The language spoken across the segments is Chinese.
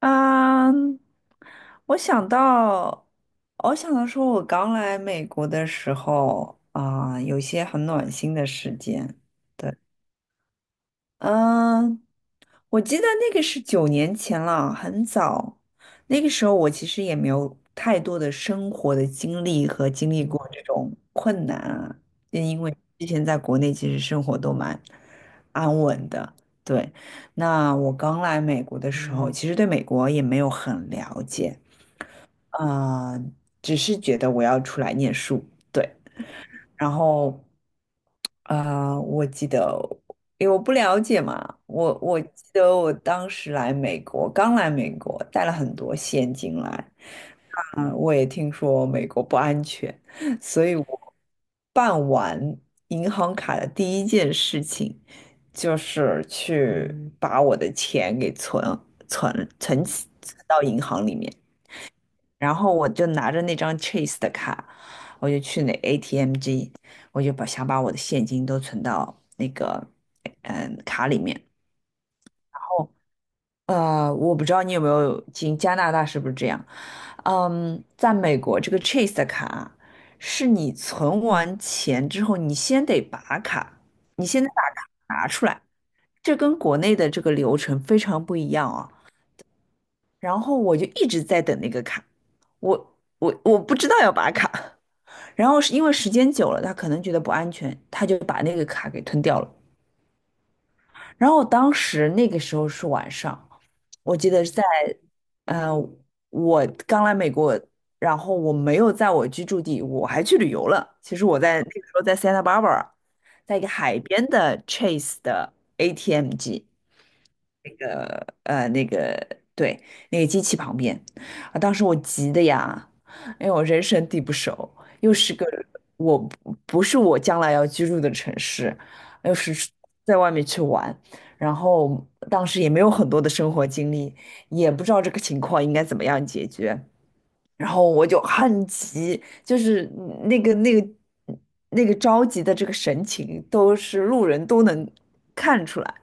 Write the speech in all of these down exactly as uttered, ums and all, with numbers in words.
啊，我想到，我想到说，我刚来美国的时候啊，有一些很暖心的事件。嗯，我记得那个是九年前了，很早。那个时候我其实也没有太多的生活的经历和经历过这种困难啊，就因为之前在国内其实生活都蛮安稳的。对，那我刚来美国的时候，其实对美国也没有很了解，啊，只是觉得我要出来念书。对。然后，啊，我记得，因为我不了解嘛，我我记得我当时来美国，刚来美国，带了很多现金来。嗯，我也听说美国不安全，所以我办完银行卡的第一件事情就是去把我的钱给存存存起存到银行里面。然后我就拿着那张 Chase 的卡，我就去那 A T M 机，我就把想把我的现金都存到那个嗯卡里面。然后呃，我不知道你有没有进加拿大是不是这样？嗯，在美国这个 Chase 的卡是你存完钱之后，你先得拔卡，你先得把卡拿出来，这跟国内的这个流程非常不一样啊。然后我就一直在等那个卡，我我我不知道要拔卡。然后是因为时间久了，他可能觉得不安全，他就把那个卡给吞掉了。然后当时那个时候是晚上，我记得是在，呃，我刚来美国，然后我没有在我居住地，我还去旅游了。其实我在那个时候在 Santa Barbara,在一个海边的 Chase 的 A T M 机。那个呃那个对那个机器旁边啊，当时我急的呀，因为我人生地不熟，又是个我不不是我将来要居住的城市，又是出在外面去玩，然后当时也没有很多的生活经历，也不知道这个情况应该怎么样解决。然后我就很急，就是那个那个那个着急的这个神情，都是路人都能看出来。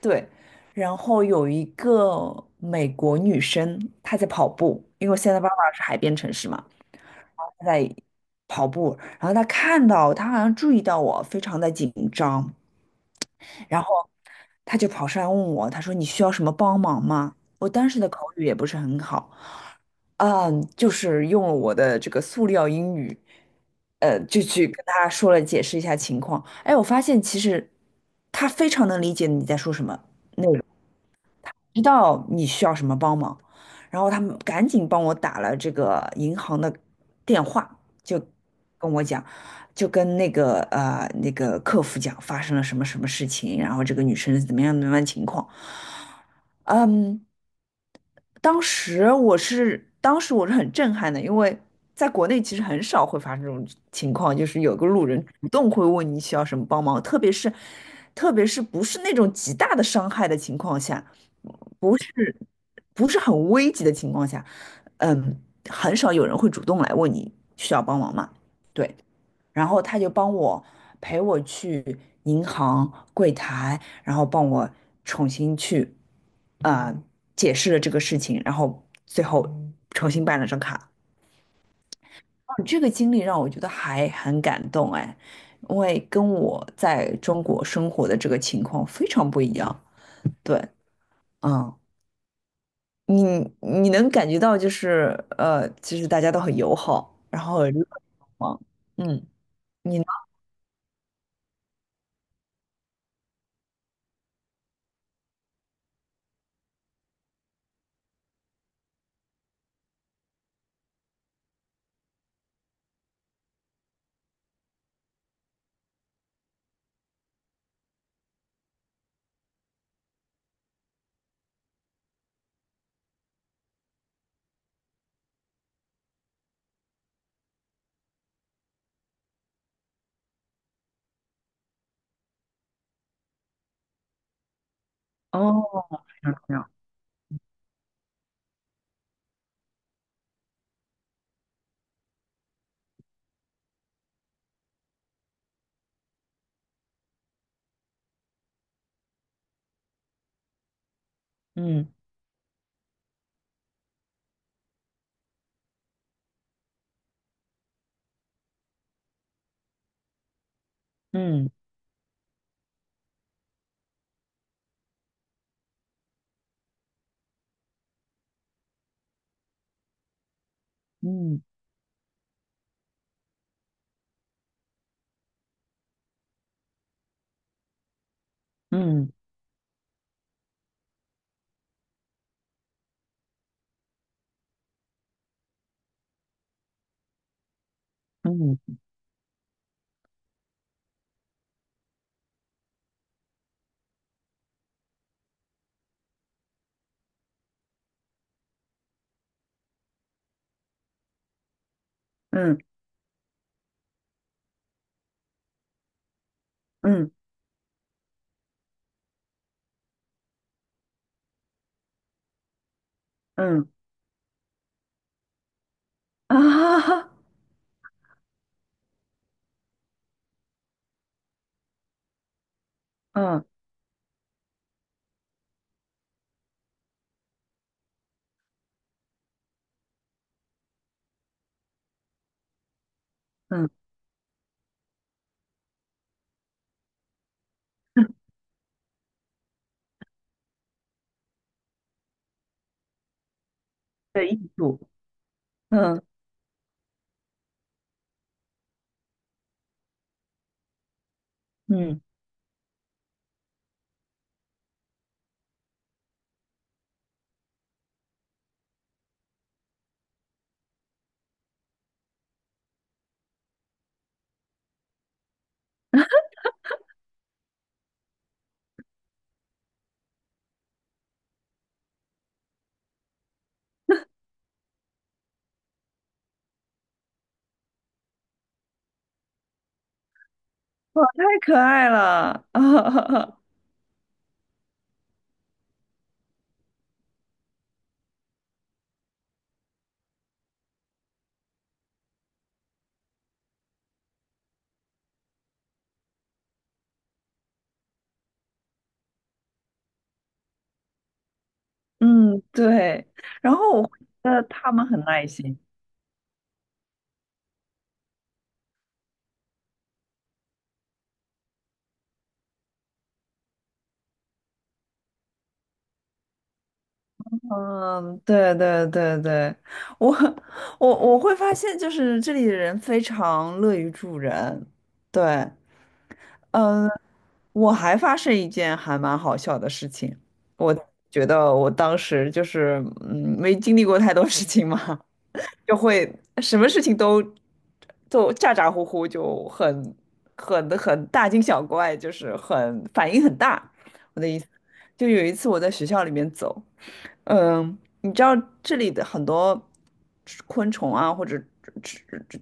对，然后有一个美国女生，她在跑步，因为我现在爸爸是海边城市嘛，他在跑步，然后他看到他好像注意到我非常的紧张，然后他就跑上来问我，他说你需要什么帮忙吗？我当时的口语也不是很好，嗯，就是用了我的这个塑料英语，呃，就去跟他说了解释一下情况。哎，我发现其实他非常能理解你在说什么。知道你需要什么帮忙，然后他们赶紧帮我打了这个银行的电话，就跟我讲，就跟那个呃那个客服讲发生了什么什么事情，然后这个女生是怎么样怎么样情况，嗯。当时我是，当时我是很震撼的，因为在国内其实很少会发生这种情况，就是有个路人主动会问你需要什么帮忙，特别是，特别是不是那种极大的伤害的情况下，不是不是很危急的情况下，嗯，很少有人会主动来问你需要帮忙嘛。对。然后他就帮我陪我去银行柜台，然后帮我重新去啊呃解释了这个事情，然后最后重新办了张卡。哦这个经历让我觉得还很感动哎，因为跟我在中国生活的这个情况非常不一样。对，嗯，你你能感觉到就是呃，就是大家都很友好，然后很热情嘛。嗯，你呢？哦，嗯嗯嗯。嗯嗯嗯嗯嗯啊，嗯嗯的艺术，嗯，嗯。哇，太可爱了啊，嗯，对，然后我会觉得他们很耐心，嗯，对对对对，我我我会发现就是这里的人非常乐于助人，对，嗯、我还发生一件还蛮好笑的事情，我觉得我当时就是嗯，没经历过太多事情嘛，就会什么事情都都咋咋呼呼，就很很很大惊小怪，就是很反应很大。我的意思，就有一次我在学校里面走，嗯，你知道这里的很多昆虫啊，或者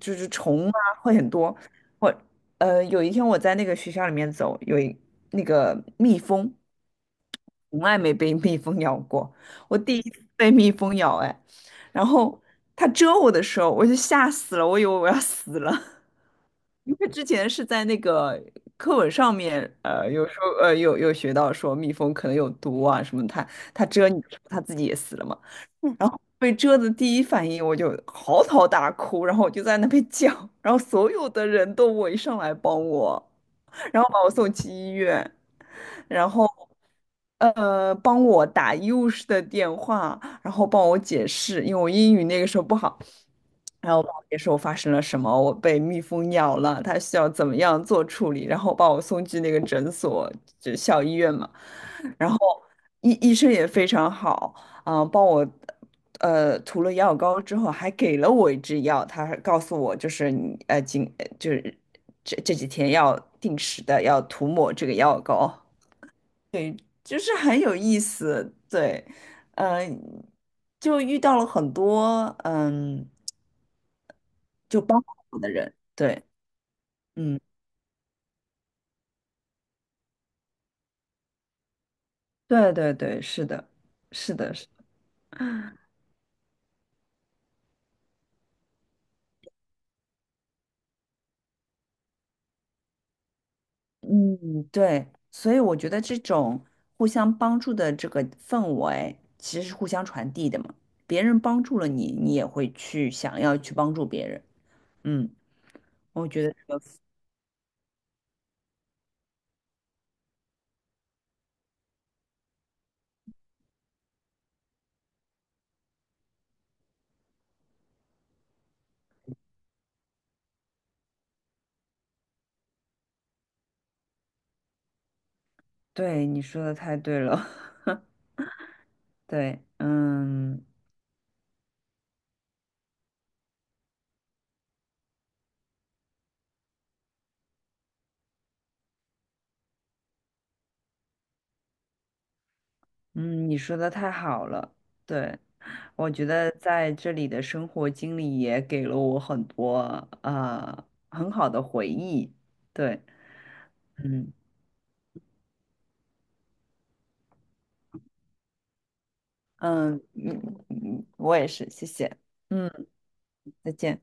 就是虫啊，会很多。我呃，有一天我在那个学校里面走，有一那个蜜蜂，从来没被蜜蜂咬过，我第一次被蜜蜂咬，哎，然后它蛰我的时候，我就吓死了，我以为我要死了，因为之前是在那个课文上面，呃，有时候呃有有学到说蜜蜂可能有毒啊什么它它蛰你的时候，它自己也死了嘛。然后被蛰的第一反应我就嚎啕大哭，然后我就在那边叫，然后所有的人都围上来帮我，然后把我送去医院，然后呃帮我打医务室的电话，然后帮我解释，因为我英语那个时候不好，然后帮我解释我发生了什么，我被蜜蜂咬了，他需要怎么样做处理，然后把我送去那个诊所，就校医院嘛。然后医医生也非常好，啊、帮我呃涂了药膏之后，还给了我一支药，他还告诉我就是你呃今呃就是这这几天要定时的要涂抹这个药膏，就是很有意思，对，嗯、就遇到了很多嗯好的人，对，嗯，对对对，是的，是的。是的。嗯，对，所以我觉得这种互相帮助的这个氛围，其实是互相传递的嘛。别人帮助了你，你也会去想要去帮助别人。嗯，我觉得这个，对，你说的太对了。对，嗯嗯，你说的太好了。对，我觉得在这里的生活经历也给了我很多呃很好的回忆。对，嗯嗯嗯，嗯我也是，谢谢。嗯。再见。